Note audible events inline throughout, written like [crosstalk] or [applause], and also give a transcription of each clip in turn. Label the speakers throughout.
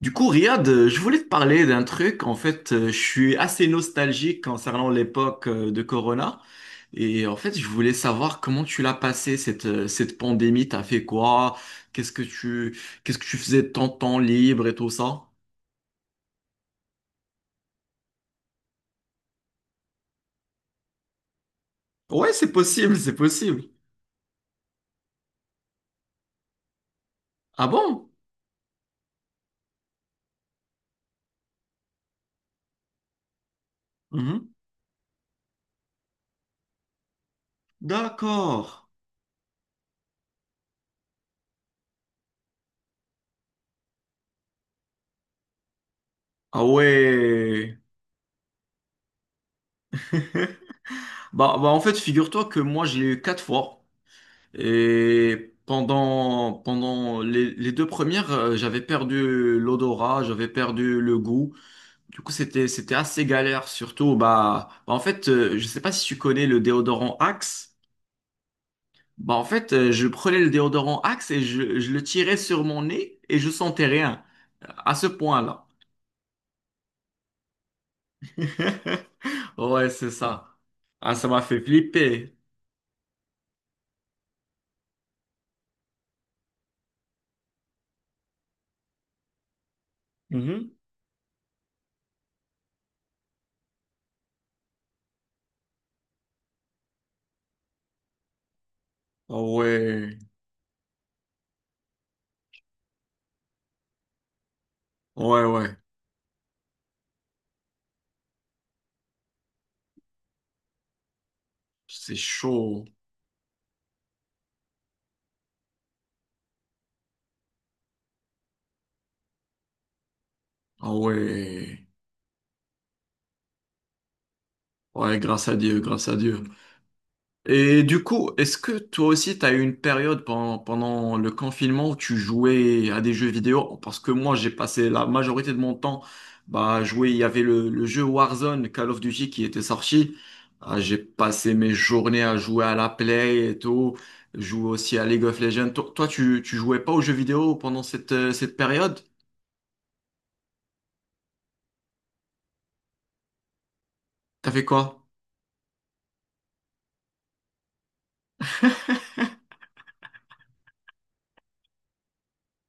Speaker 1: Du coup, Riyad, je voulais te parler d'un truc. En fait, je suis assez nostalgique concernant l'époque de Corona. Et en fait, je voulais savoir comment tu l'as passé, cette pandémie. T'as fait quoi? Qu'est-ce que qu'est-ce que tu faisais de ton temps libre et tout ça? Ouais, c'est possible, c'est possible. Ah bon? Mhm. D'accord. Ah ouais. [laughs] Bah, en fait, figure-toi que moi, je l'ai eu quatre fois. Et pendant les deux premières, j'avais perdu l'odorat, j'avais perdu le goût. Du coup, c'était assez galère, surtout, bah, en fait, je sais pas si tu connais le déodorant Axe. Bah, en fait, je prenais le déodorant Axe et je le tirais sur mon nez et je sentais rien. À ce point-là. [laughs] Ouais, c'est ça. Ah, ça m'a fait flipper. Mhm. Ah ouais, ouais, ouais. C'est chaud. Ah ouais. Ouais, grâce à Dieu, grâce à Dieu. Et du coup, est-ce que toi aussi, tu as eu une période pendant le confinement où tu jouais à des jeux vidéo? Parce que moi, j'ai passé la majorité de mon temps bah, à jouer. Il y avait le jeu Warzone, Call of Duty, qui était sorti. Ah, j'ai passé mes journées à jouer à la Play et tout. Jouer aussi à League of Legends. Toi, tu jouais pas aux jeux vidéo pendant cette période? T'as fait quoi?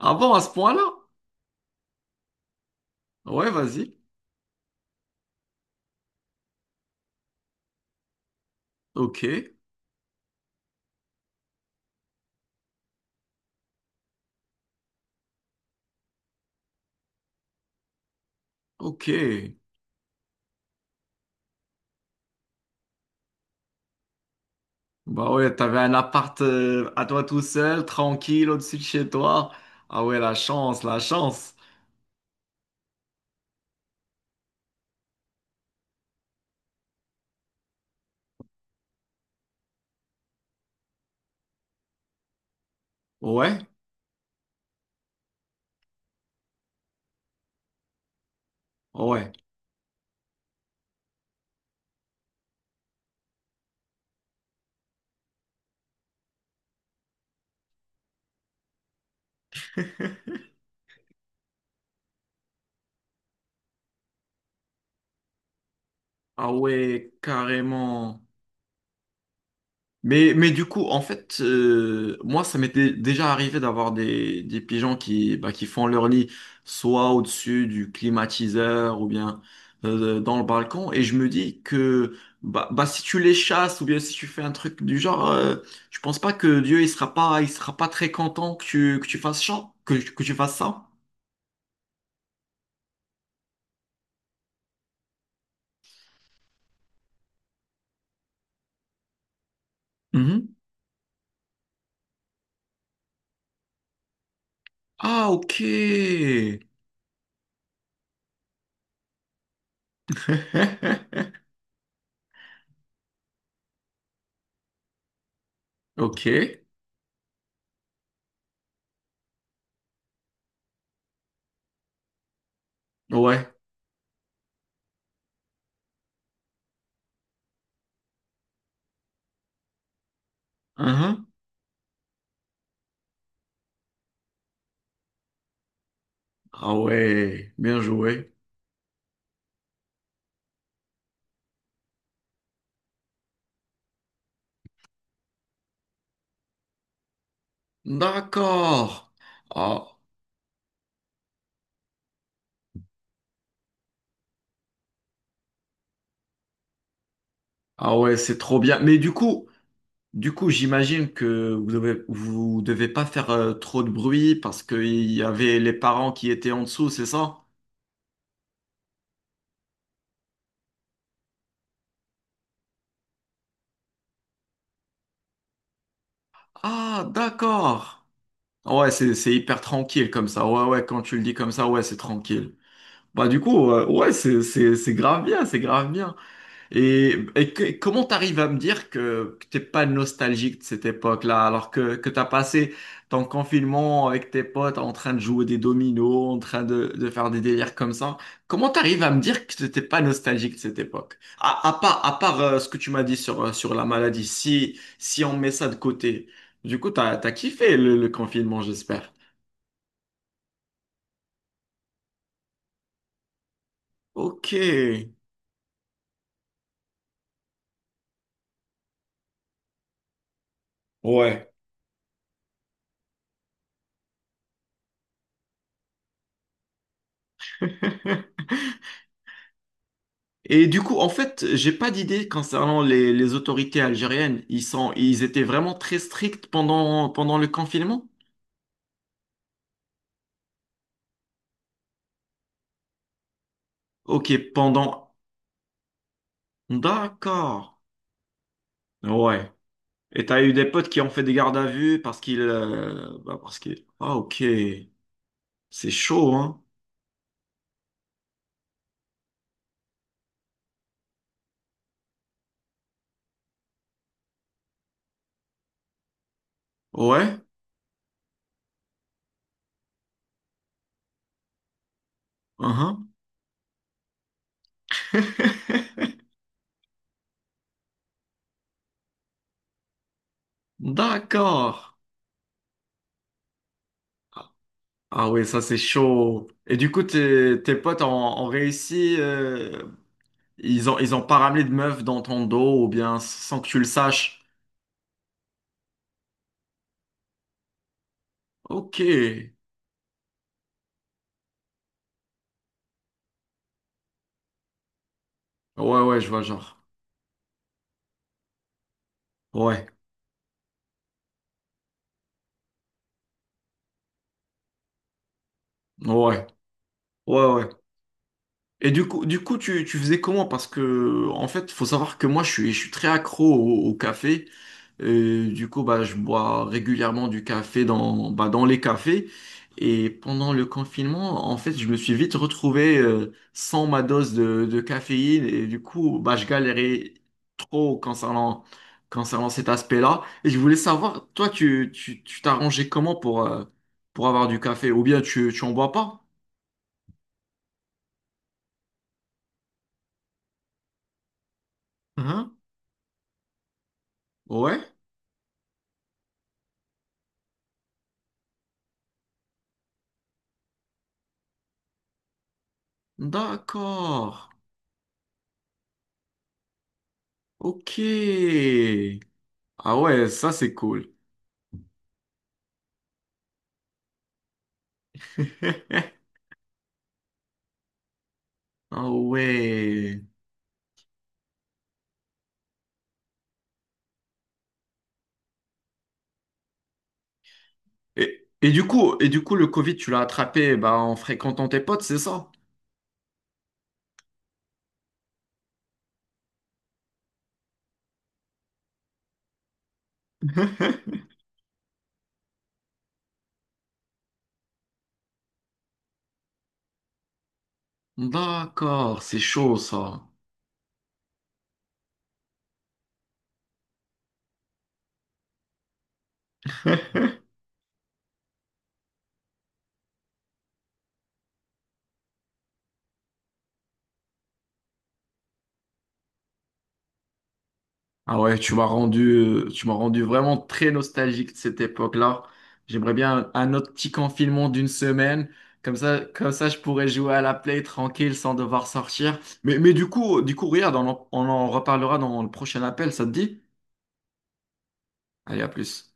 Speaker 1: Avant, à ce point-là? Ouais, vas-y. Ok, ok. Bah ouais, t'avais un appart à toi tout seul, tranquille, au-dessus de chez toi. Ah ouais, la chance, la chance. Ouais, ouais. Ah ouais, carrément. Mais, du coup, en fait, moi, ça m'était déjà arrivé d'avoir des pigeons qui, bah, qui font leur lit soit au-dessus du climatiseur ou bien dans le balcon. Et je me dis que bah, si tu les chasses ou bien si tu fais un truc du genre, je pense pas que Dieu il sera pas très content que que tu fasses ça, que tu fasses ça. Mhm. Ah, ok. [laughs] Ok. Ouais. Uhum. Ah ouais. Bien joué. D'accord. Ah, ah ouais, c'est trop bien. Mais du coup, j'imagine que vous devez pas faire trop de bruit parce qu'il y avait les parents qui étaient en dessous, c'est ça? Ah, d'accord. Ah ouais, c'est hyper tranquille comme ça. Ouais, ouais, quand tu le dis comme ça, ouais, c'est tranquille. Bah du coup, ouais, c'est grave bien, c'est grave bien. Et comment t'arrives à me dire que t'es pas nostalgique de cette époque-là, alors que t'as passé ton confinement avec tes potes en train de jouer des dominos, en train de faire des délires comme ça? Comment t'arrives à me dire que t'étais pas nostalgique de cette époque? À part ce que tu m'as dit sur, sur la maladie, si on met ça de côté, du coup, t'as kiffé le confinement, j'espère. Ok. Ouais. [laughs] Et du coup, en fait, j'ai pas d'idée concernant les autorités algériennes. Ils étaient vraiment très stricts pendant le confinement? Ok, pendant. D'accord. Ouais. Et t'as eu des potes qui ont fait des gardes à vue parce qu'ils, bah parce qu'ils. Ah, ok. C'est chaud, hein? Ouais. Uhum. [laughs] D'accord. Ah ah ouais, ça c'est chaud. Et du coup, tes potes ont, ont réussi. Ils ont pas ramené de meuf dans ton dos ou bien sans que tu le saches. Ok. Ouais, ouais, je vois, genre. Ouais. Ouais. Ouais, ouais, ouais. Et du coup, tu faisais comment? Parce que, en fait, faut savoir que moi, je suis très accro au, au café. Du coup, bah, je bois régulièrement du café dans, bah, dans les cafés. Et pendant le confinement, en fait, je me suis vite retrouvé sans ma dose de caféine. Et du coup, bah, je galérais trop concernant cet aspect-là. Et je voulais savoir, toi, tu t'arrangeais comment pour avoir du café? Ou bien tu en bois pas? Mhm. Ouais. D'accord. Ok. Ah ouais, ça c'est cool. [laughs] Ah ouais. Du coup, et du coup, le Covid, tu l'as attrapé bah, en fréquentant tes potes, c'est ça? [laughs] D'accord, c'est chaud ça. Ah ouais, tu m'as rendu vraiment très nostalgique de cette époque-là. J'aimerais bien un autre petit confinement d'une semaine. Comme ça, je pourrais jouer à la Play tranquille sans devoir sortir. Mais, du coup, regarde, on en reparlera dans le prochain appel, ça te dit? Allez, à plus.